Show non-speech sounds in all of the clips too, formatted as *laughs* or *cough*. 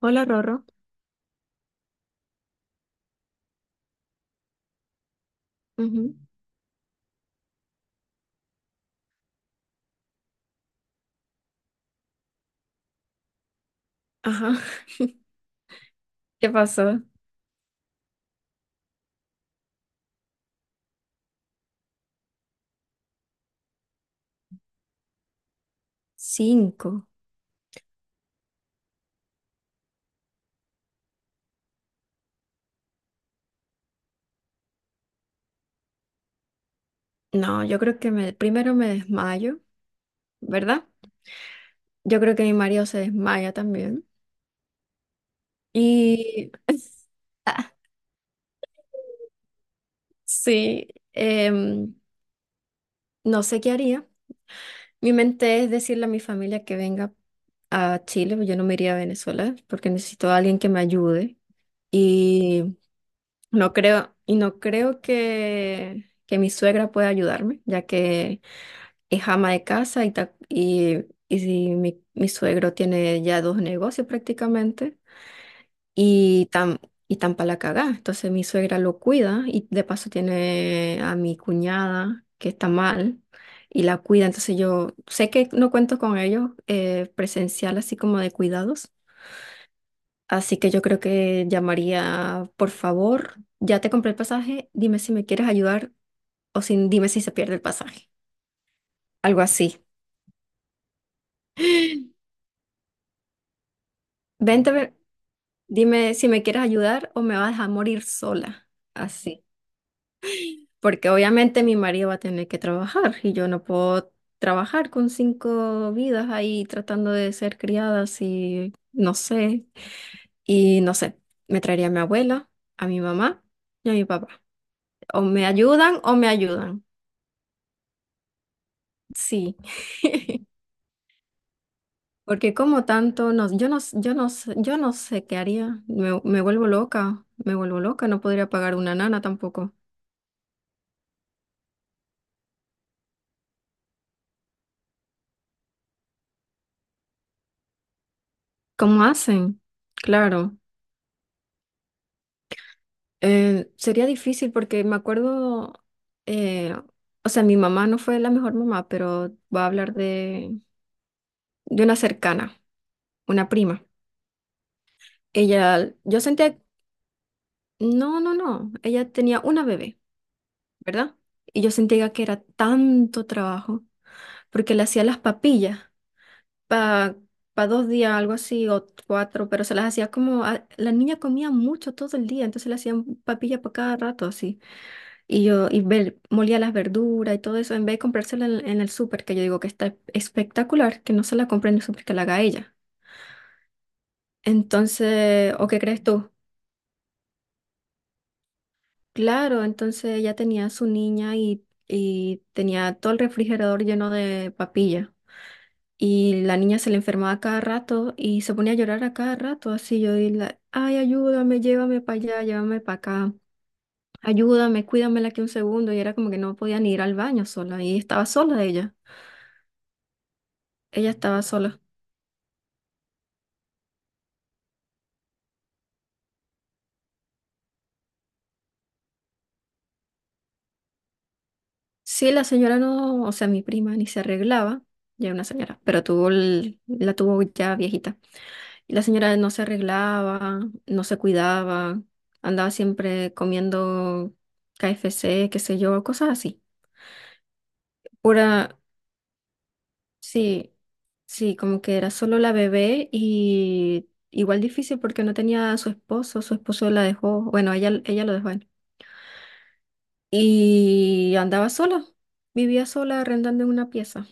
Hola, Rorro. Ujú. Ajá. *laughs* ¿Qué pasó? Cinco. No, yo creo que me, primero me desmayo, ¿verdad? Yo creo que mi marido se desmaya también. Y *laughs* sí, em, no sé qué haría. Mi mente es decirle a mi familia que venga a Chile, pues yo no me iría a Venezuela porque necesito a alguien que me ayude. y no creo que mi suegra pueda ayudarme, ya que es ama de casa y, y si mi suegro tiene ya dos negocios prácticamente y tan, y tan pa' la cagá. Entonces mi suegra lo cuida y de paso tiene a mi cuñada que está mal y la cuida. Entonces yo sé que no cuento con ellos, presencial así como de cuidados. Así que yo creo que llamaría, por favor, ya te compré el pasaje, dime si me quieres ayudar o sin, dime si se pierde el pasaje. Algo así. *gasps* Vente, a ver, dime si me quieres ayudar o me vas a dejar morir sola. Así. Porque obviamente mi marido va a tener que trabajar y yo no puedo trabajar con cinco vidas ahí tratando de ser criadas y no sé. Y no sé, me traería a mi abuela, a mi mamá y a mi papá. O me ayudan o me ayudan. Sí, *laughs* porque como tanto, no, yo no, s- yo no, s- yo no sé qué haría, me, me vuelvo loca, no podría pagar una nana tampoco. ¿Cómo hacen? Claro, sería difícil porque me acuerdo, eh, o sea, mi mamá no fue la mejor mamá, pero voy a hablar de una cercana, una prima. Ella, yo sentía, no, no, no, ella tenía una bebé, ¿verdad? Y yo sentía que era tanto trabajo porque le hacía las papillas para dos días, algo así, o cuatro, pero se las hacía como, a- la niña comía mucho todo el día, entonces le hacían papilla para cada rato así. Y yo, y ve- molía las verduras y todo eso, en vez de comprársela en el súper, que yo digo que está espectacular, que no se la compre en el súper, que la haga ella. Entonces, ¿o qué crees tú? Claro, entonces ella tenía a su niña y tenía todo el refrigerador lleno de papilla. Y la niña se le enfermaba cada rato y se ponía a llorar a cada rato, así yo y la, ay, ayúdame, llévame para allá, llévame para acá, ayúdame, cuídamela aquí un segundo. Y era como que no podía ni ir al baño sola y estaba sola ella, ella estaba sola. Sí, la señora no, o sea, mi prima ni se arreglaba, ya era una señora, pero tuvo el- la tuvo ya viejita. Y la señora no se arreglaba, no se cuidaba, andaba siempre comiendo KFC, qué sé yo, cosas así. Pura, sí, sí, como que era solo la bebé y igual difícil porque no tenía a su esposo la dejó, bueno, ella lo dejó a él. Y andaba sola, vivía sola arrendando en una pieza.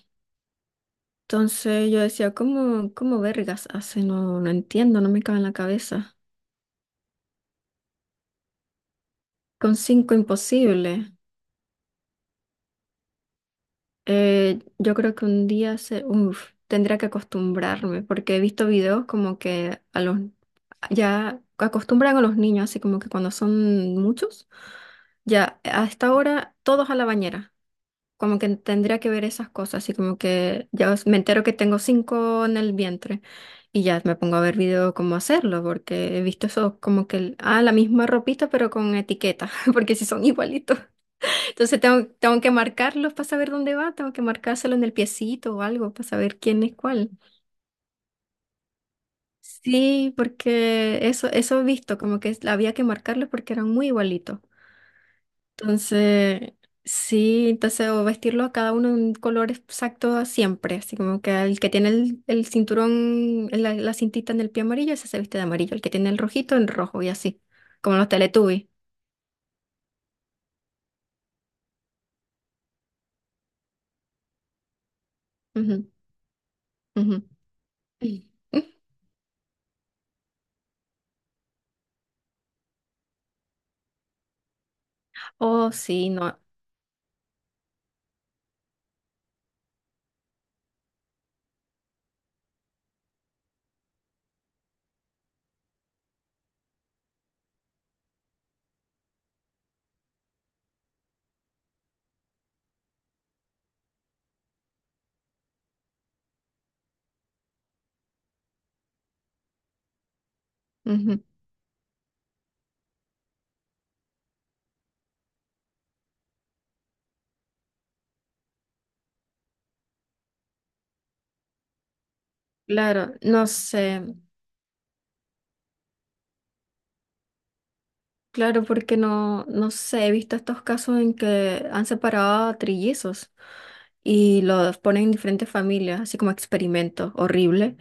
Entonces yo decía, ¿cómo, cómo vergas hace? No, no entiendo, no me cabe en la cabeza. Con cinco imposible. Yo creo que un día se, uf, tendría que acostumbrarme, porque he visto videos como que a los ya acostumbran a los niños, así como que cuando son muchos, ya a esta hora todos a la bañera. Como que tendría que ver esas cosas, así como que ya os- me entero que tengo cinco en el vientre y ya me pongo a ver video cómo hacerlo, porque he visto eso como que, el- ah, la misma ropita pero con etiqueta, *laughs* porque si son igualitos. Entonces tengo, tengo que marcarlos para saber dónde va, tengo que marcárselo en el piecito o algo para saber quién es cuál. Sí, porque eso he visto, como que había que marcarlos porque eran muy igualitos. Entonces, sí, entonces, o vestirlo a cada uno en un color exacto siempre, así como que el que tiene el cinturón, la cintita en el pie amarillo, ese se viste de amarillo, el que tiene el rojito, en rojo y así, como los Teletubbies. Ujú, ujú. *laughs* Oh, sí, no. Ujú. Claro, no sé, claro, porque no, no sé, he visto estos casos en que han separado a trillizos y los ponen en diferentes familias, así como experimento horrible.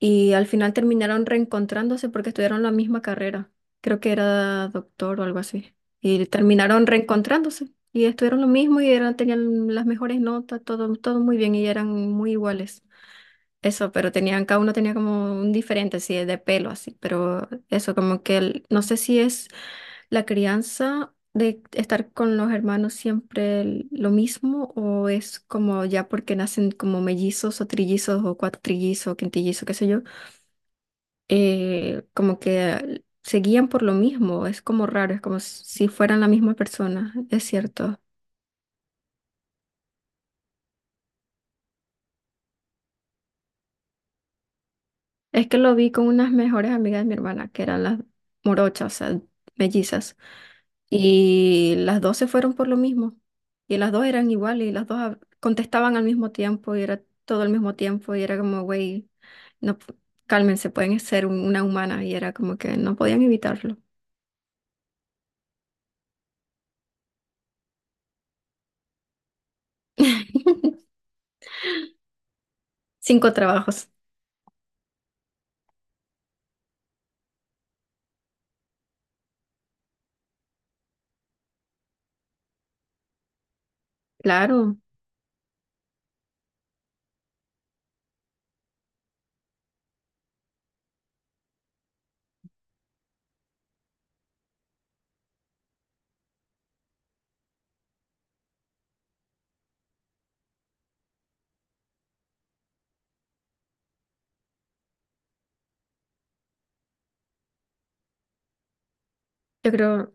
Y al final terminaron reencontrándose porque estudiaron la misma carrera. Creo que era doctor o algo así. Y terminaron reencontrándose y estuvieron lo mismo y eran, tenían las mejores notas, todo, todo muy bien y eran muy iguales. Eso, pero tenían, cada uno tenía como un diferente, así de pelo, así, pero eso, como que el- no sé si es la crianza de estar con los hermanos siempre el- lo mismo o es como ya porque nacen como mellizos o trillizos o cuatrillizos o quintillizos, qué sé yo, como que se guían por lo mismo, es como raro, es como si fueran la misma persona, es cierto. Es que lo vi con unas mejores amigas de mi hermana, que eran las morochas, o sea, mellizas. Y las dos se fueron por lo mismo. Y las dos eran iguales, y las dos hab- contestaban al mismo tiempo, y era todo al mismo tiempo, y era como, güey, no, p- cálmense, pueden ser un- una humana, y era como que no podían evitarlo. *laughs* Cinco trabajos. Claro, yo creo,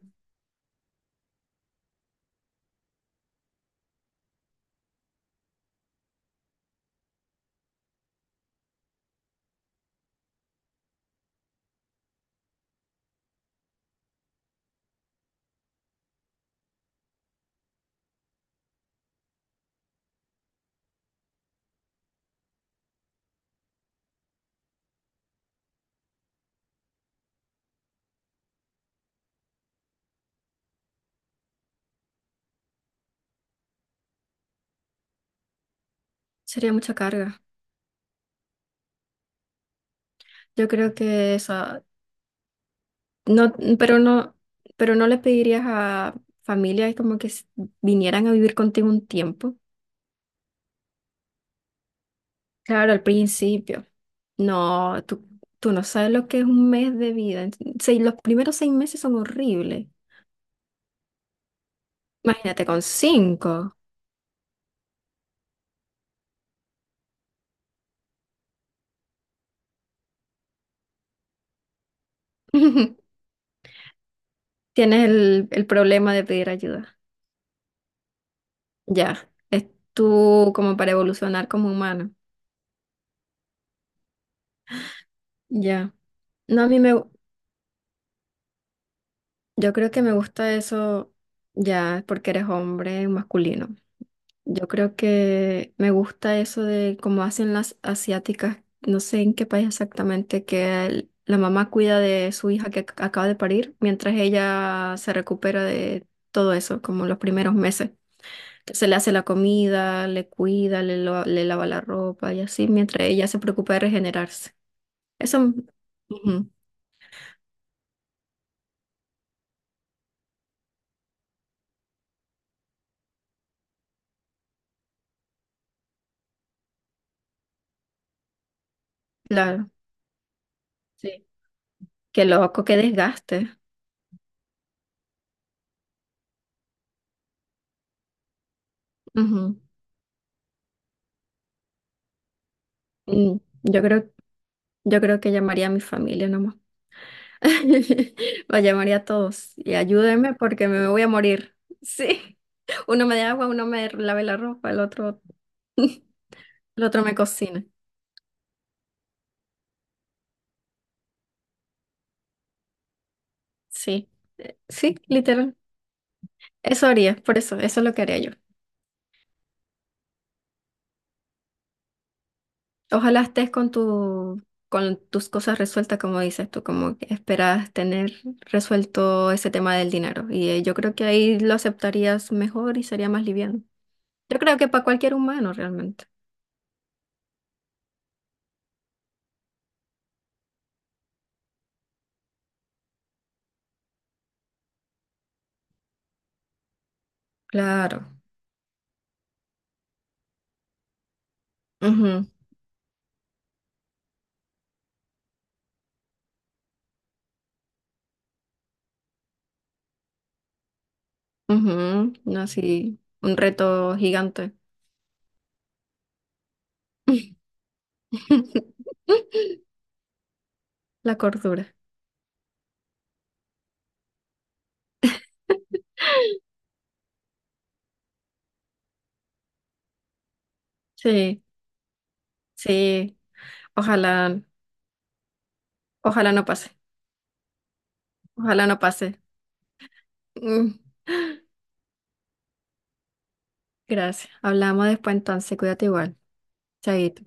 sería mucha carga. Yo creo que esa, no, pero no, pero no le pedirías a familias como que s- vinieran a vivir contigo un tiempo. Claro, al principio. No, tú no sabes lo que es un mes de vida. En- seis- los primeros seis meses son horribles. Imagínate con cinco. *laughs* Tienes el problema de pedir ayuda. Ya. Es tú como para evolucionar como humano. Ya. No, a mí me, yo creo que me gusta eso ya porque eres hombre masculino. Yo creo que me gusta eso de cómo hacen las asiáticas, no sé en qué país exactamente, que el- la mamá cuida de su hija que ac- acaba de parir mientras ella se recupera de todo eso, como los primeros meses. Se le hace la comida, le cuida, le, lo- le lava la ropa y así, mientras ella se preocupa de regenerarse. Eso, mm, ujú, claro, sí. Qué loco, qué desgaste. Ujú. Mm, yo creo, yo creo que llamaría a mi familia nomás. *laughs* Vaya, María, a todos y ayúdenme porque me voy a morir. *laughs* Sí, uno me da agua, uno me lave la ropa, el otro, *laughs* el otro me cocina. Sí, sí, literal. Eso haría, por eso, eso es lo que haría yo. Ojalá estés con tu, con tus cosas resueltas, como dices tú, como que esperas tener resuelto ese tema del dinero. Y yo creo que ahí lo aceptarías mejor y sería más liviano. Yo creo que para cualquier humano realmente. Claro. Ujú. Ujú, no, sí, un reto gigante. *laughs* La cordura. Sí, sí. Ojalá, ojalá no pase. Ojalá no pase. Mm, gracias. Hablamos después entonces. Cuídate igual. Chaito.